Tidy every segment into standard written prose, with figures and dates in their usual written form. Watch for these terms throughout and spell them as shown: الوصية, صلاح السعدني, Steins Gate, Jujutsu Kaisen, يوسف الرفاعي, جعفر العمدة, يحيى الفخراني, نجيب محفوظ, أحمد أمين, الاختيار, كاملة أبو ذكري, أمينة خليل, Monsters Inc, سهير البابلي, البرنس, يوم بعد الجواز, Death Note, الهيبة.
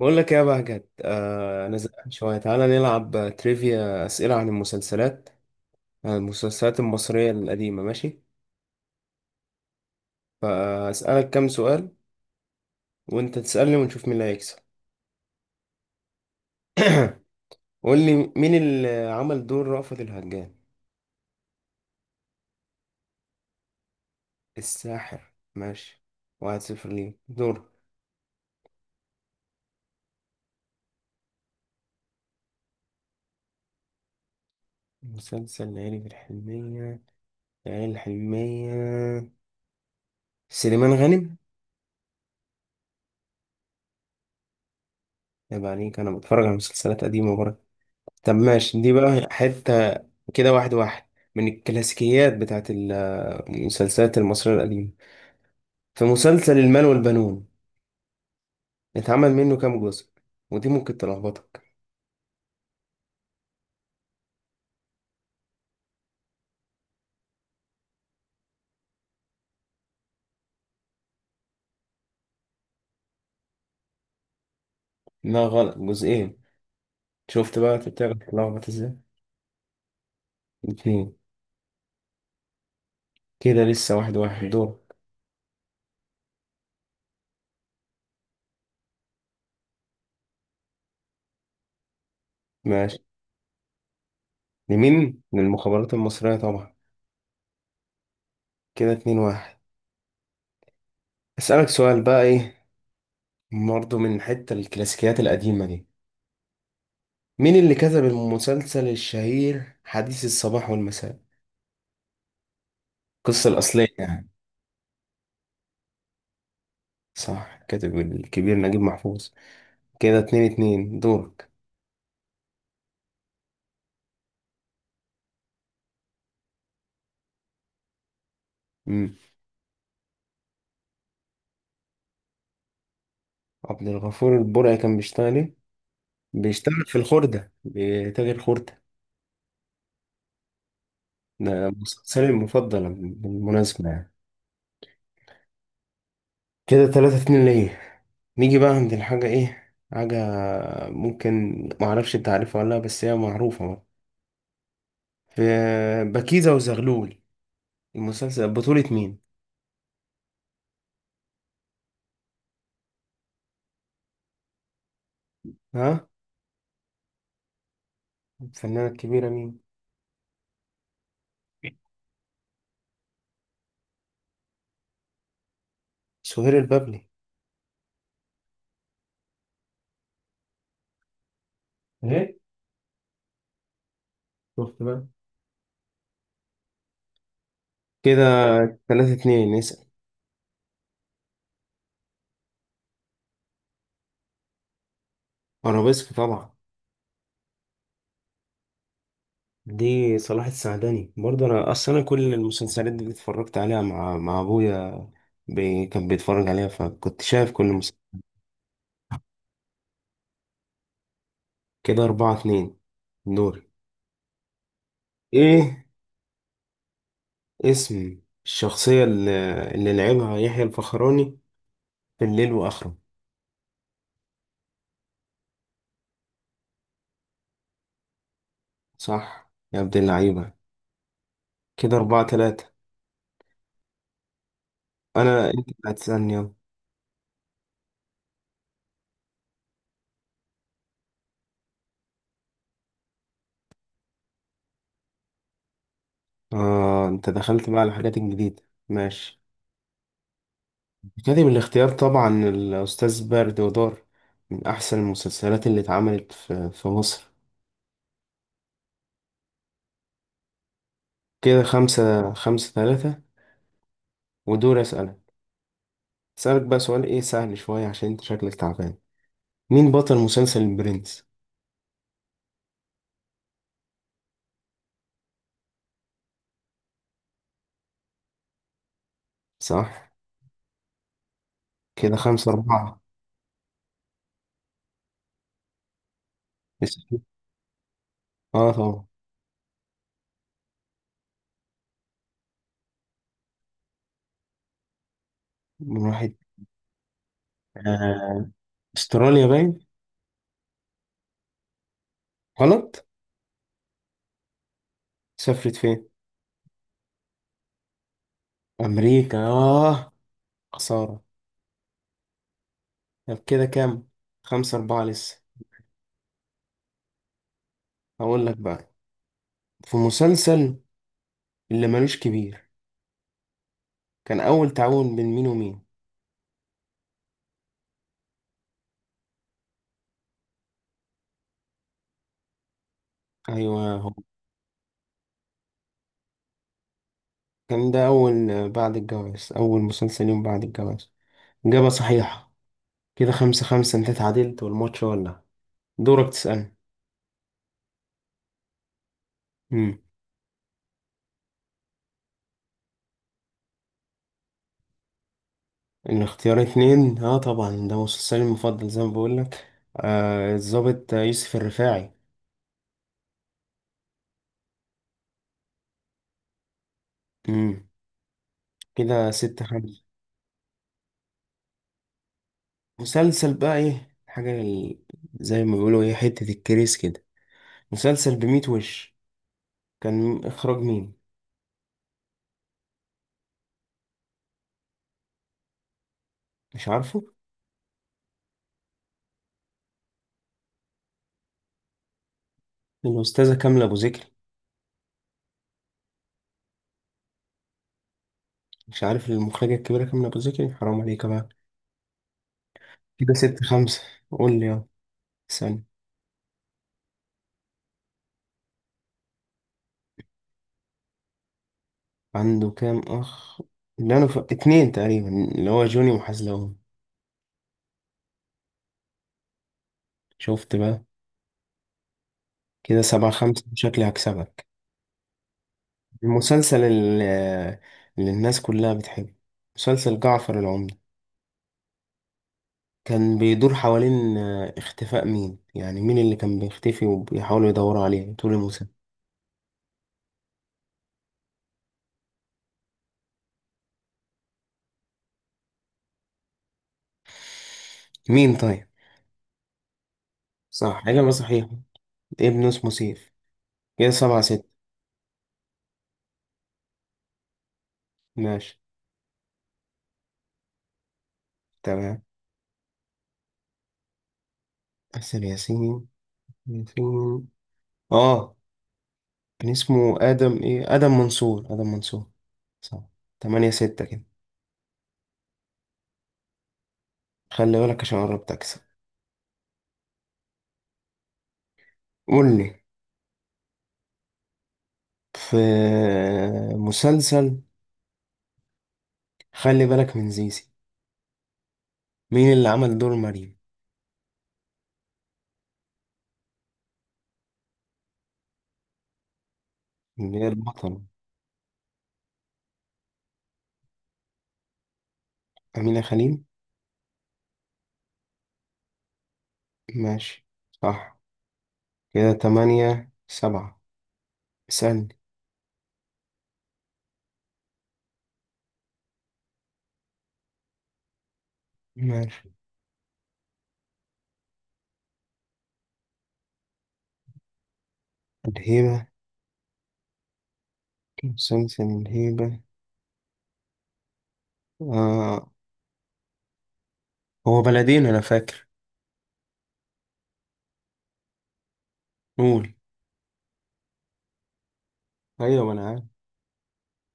بقول لك إيه يا بهجت، انا زهقان شويه. تعالى نلعب تريفيا، اسئله عن المسلسلات، عن المسلسلات المصريه القديمه. ماشي، فاسالك كام سؤال وانت تسالني ونشوف مين اللي هيكسب. قول لي مين اللي عمل دور رأفت الهجان. الساحر، ماشي. 1-0 ليه. دور. مسلسل ليالي الحلمية. سليمان غانم. عيب عليك، أنا بتفرج على مسلسلات قديمة برضه. طب ماشي، دي بقى حتة. كده 1-1. من الكلاسيكيات بتاعت المسلسلات المصرية القديمة. في مسلسل المال والبنون، اتعمل منه كام جزء؟ ودي ممكن تلخبطك. لا، غلط، جزئين. شفت بقى، انت بتعرف تلخبط ازاي. اتنين. كده لسه 1-1. دور. ماشي. لمين؟ للمخابرات المصرية طبعا. كده 2-1. اسألك سؤال بقى ايه، برضه من حتة الكلاسيكيات القديمة دي. مين اللي كتب المسلسل الشهير حديث الصباح والمساء؟ القصة الأصلية يعني. صح، الكاتب الكبير نجيب محفوظ. كده 2-2. دورك. مم. عبد الغفور البرعي كان بيشتغل ايه؟ بيشتغل في الخردة، بتاجر خردة. ده مسلسلي المفضل بالمناسبة يعني. كده 3-2 ليا. نيجي بقى عند الحاجة ايه؟ حاجة ممكن معرفش تعرفها ولا لأ، بس هي معروفة بقى. في بكيزة وزغلول. المسلسل بطولة مين؟ ها؟ الفنانة الكبيرة مين؟ سهير البابلي. ايه؟ شفت بقى. كده 3-2. اسأل. ارابيسك طبعا. دي صلاح السعدني برضه. انا اصلا أنا كل المسلسلات دي اتفرجت عليها مع ابويا. كان بيتفرج عليها فكنت شايف كل مسلسل. كده 4-2. دور. ايه اسم الشخصية اللي لعبها يحيى الفخراني في الليل وآخره؟ صح يا عبد اللعيبة. كده 4-3. أنت اللي هتسألني، يلا. آه، أنت دخلت بقى على الحاجات الجديدة. ماشي. أكاديمي الاختيار طبعا، الأستاذ برد ودار. من أحسن المسلسلات اللي اتعملت في مصر. كده خمسة ثلاثة. ودور. أسألك. أسألك بقى سؤال إيه سهل شوية عشان أنت شكلك تعبان. مين بطل مسلسل البرنس؟ صح، كده 5-4. لسه في- آه، طبعا. من واحد. آه. أستراليا باين. غلط. سافرت فين؟ أمريكا. آه، خسارة. طب كده كام؟ 5-4 لسه. هقول لك بقى. في مسلسل اللي ملوش كبير، كان أول تعاون بين مين ومين؟ أيوة هو. كان ده أول، بعد الجواز، أول مسلسل يوم بعد الجواز. إجابة صحيحة. كده 5-5. أنت تعادلت والماتش ولا. دورك تسألني. مم. الاختيار 2، اه طبعا ده مسلسلي المفضل زي ما بقولك. آه، الضابط يوسف الرفاعي. مم. كده 6-5. مسلسل بقى ايه حاجة زي ما بيقولوا ايه حتة الكريس كده. مسلسل بميت وش، كان إخراج مين؟ مش عارفه. الأستاذة كاملة أبو ذكري. مش عارف المخرجة الكبيرة كام أبو زكي، حرام عليك بقى. كده 6-5. قول لي يلا. ثانية. عنده كام أخ؟ اتنين تقريبا، اللي هو جوني وحزلقون. شفت بقى. كده 7-5، شكلي هكسبك. المسلسل اللي الناس كلها بتحبه، مسلسل جعفر العمدة، كان بيدور حوالين اختفاء مين؟ يعني مين اللي كان بيختفي وبيحاولوا يدوروا عليه طول الموسم. مين طيب. صح، حاجة ما صحيحة. ابنه اسمه سيف. كده 7-6. ماشي. تمام. أحسن ياسين. آه كان اسمه آدم منصور. صح. 8-6 كده. خلي بالك عشان قربت أكسب. قول لي، في مسلسل خلي بالك من زيزي، مين اللي عمل دور مريم؟ اللي هي البطلة. أمينة خليل. ماشي، صح. كده 8-7. اسألني. ماشي. الهيبة. مسلسل الهيبة. آه، هو بلدين أنا فاكر. قول. أيوة، ما أنا عارف.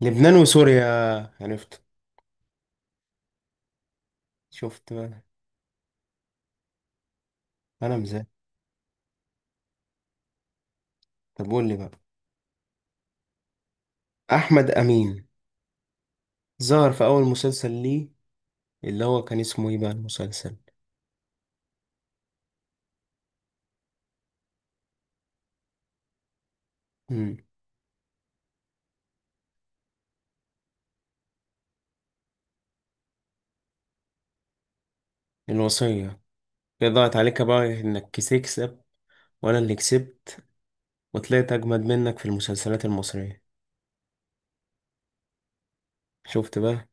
لبنان وسوريا. عرفت. شفت بقى. انا مزاج. طب قول لي بقى، احمد امين ظهر في اول مسلسل ليه، اللي هو كان اسمه ايه بقى المسلسل؟ امم الوصية. هي ضاعت عليك بقى انك تكسب، وانا اللي كسبت، وطلعت اجمد منك في المسلسلات المصرية. شفت بقى.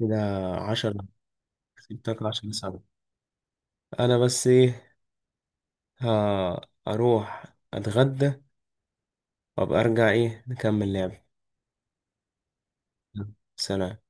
كده 10. كسبتك 10-7. انا بس ايه، ها، اروح اتغدى وابقى ارجع ايه نكمل لعب. سلام.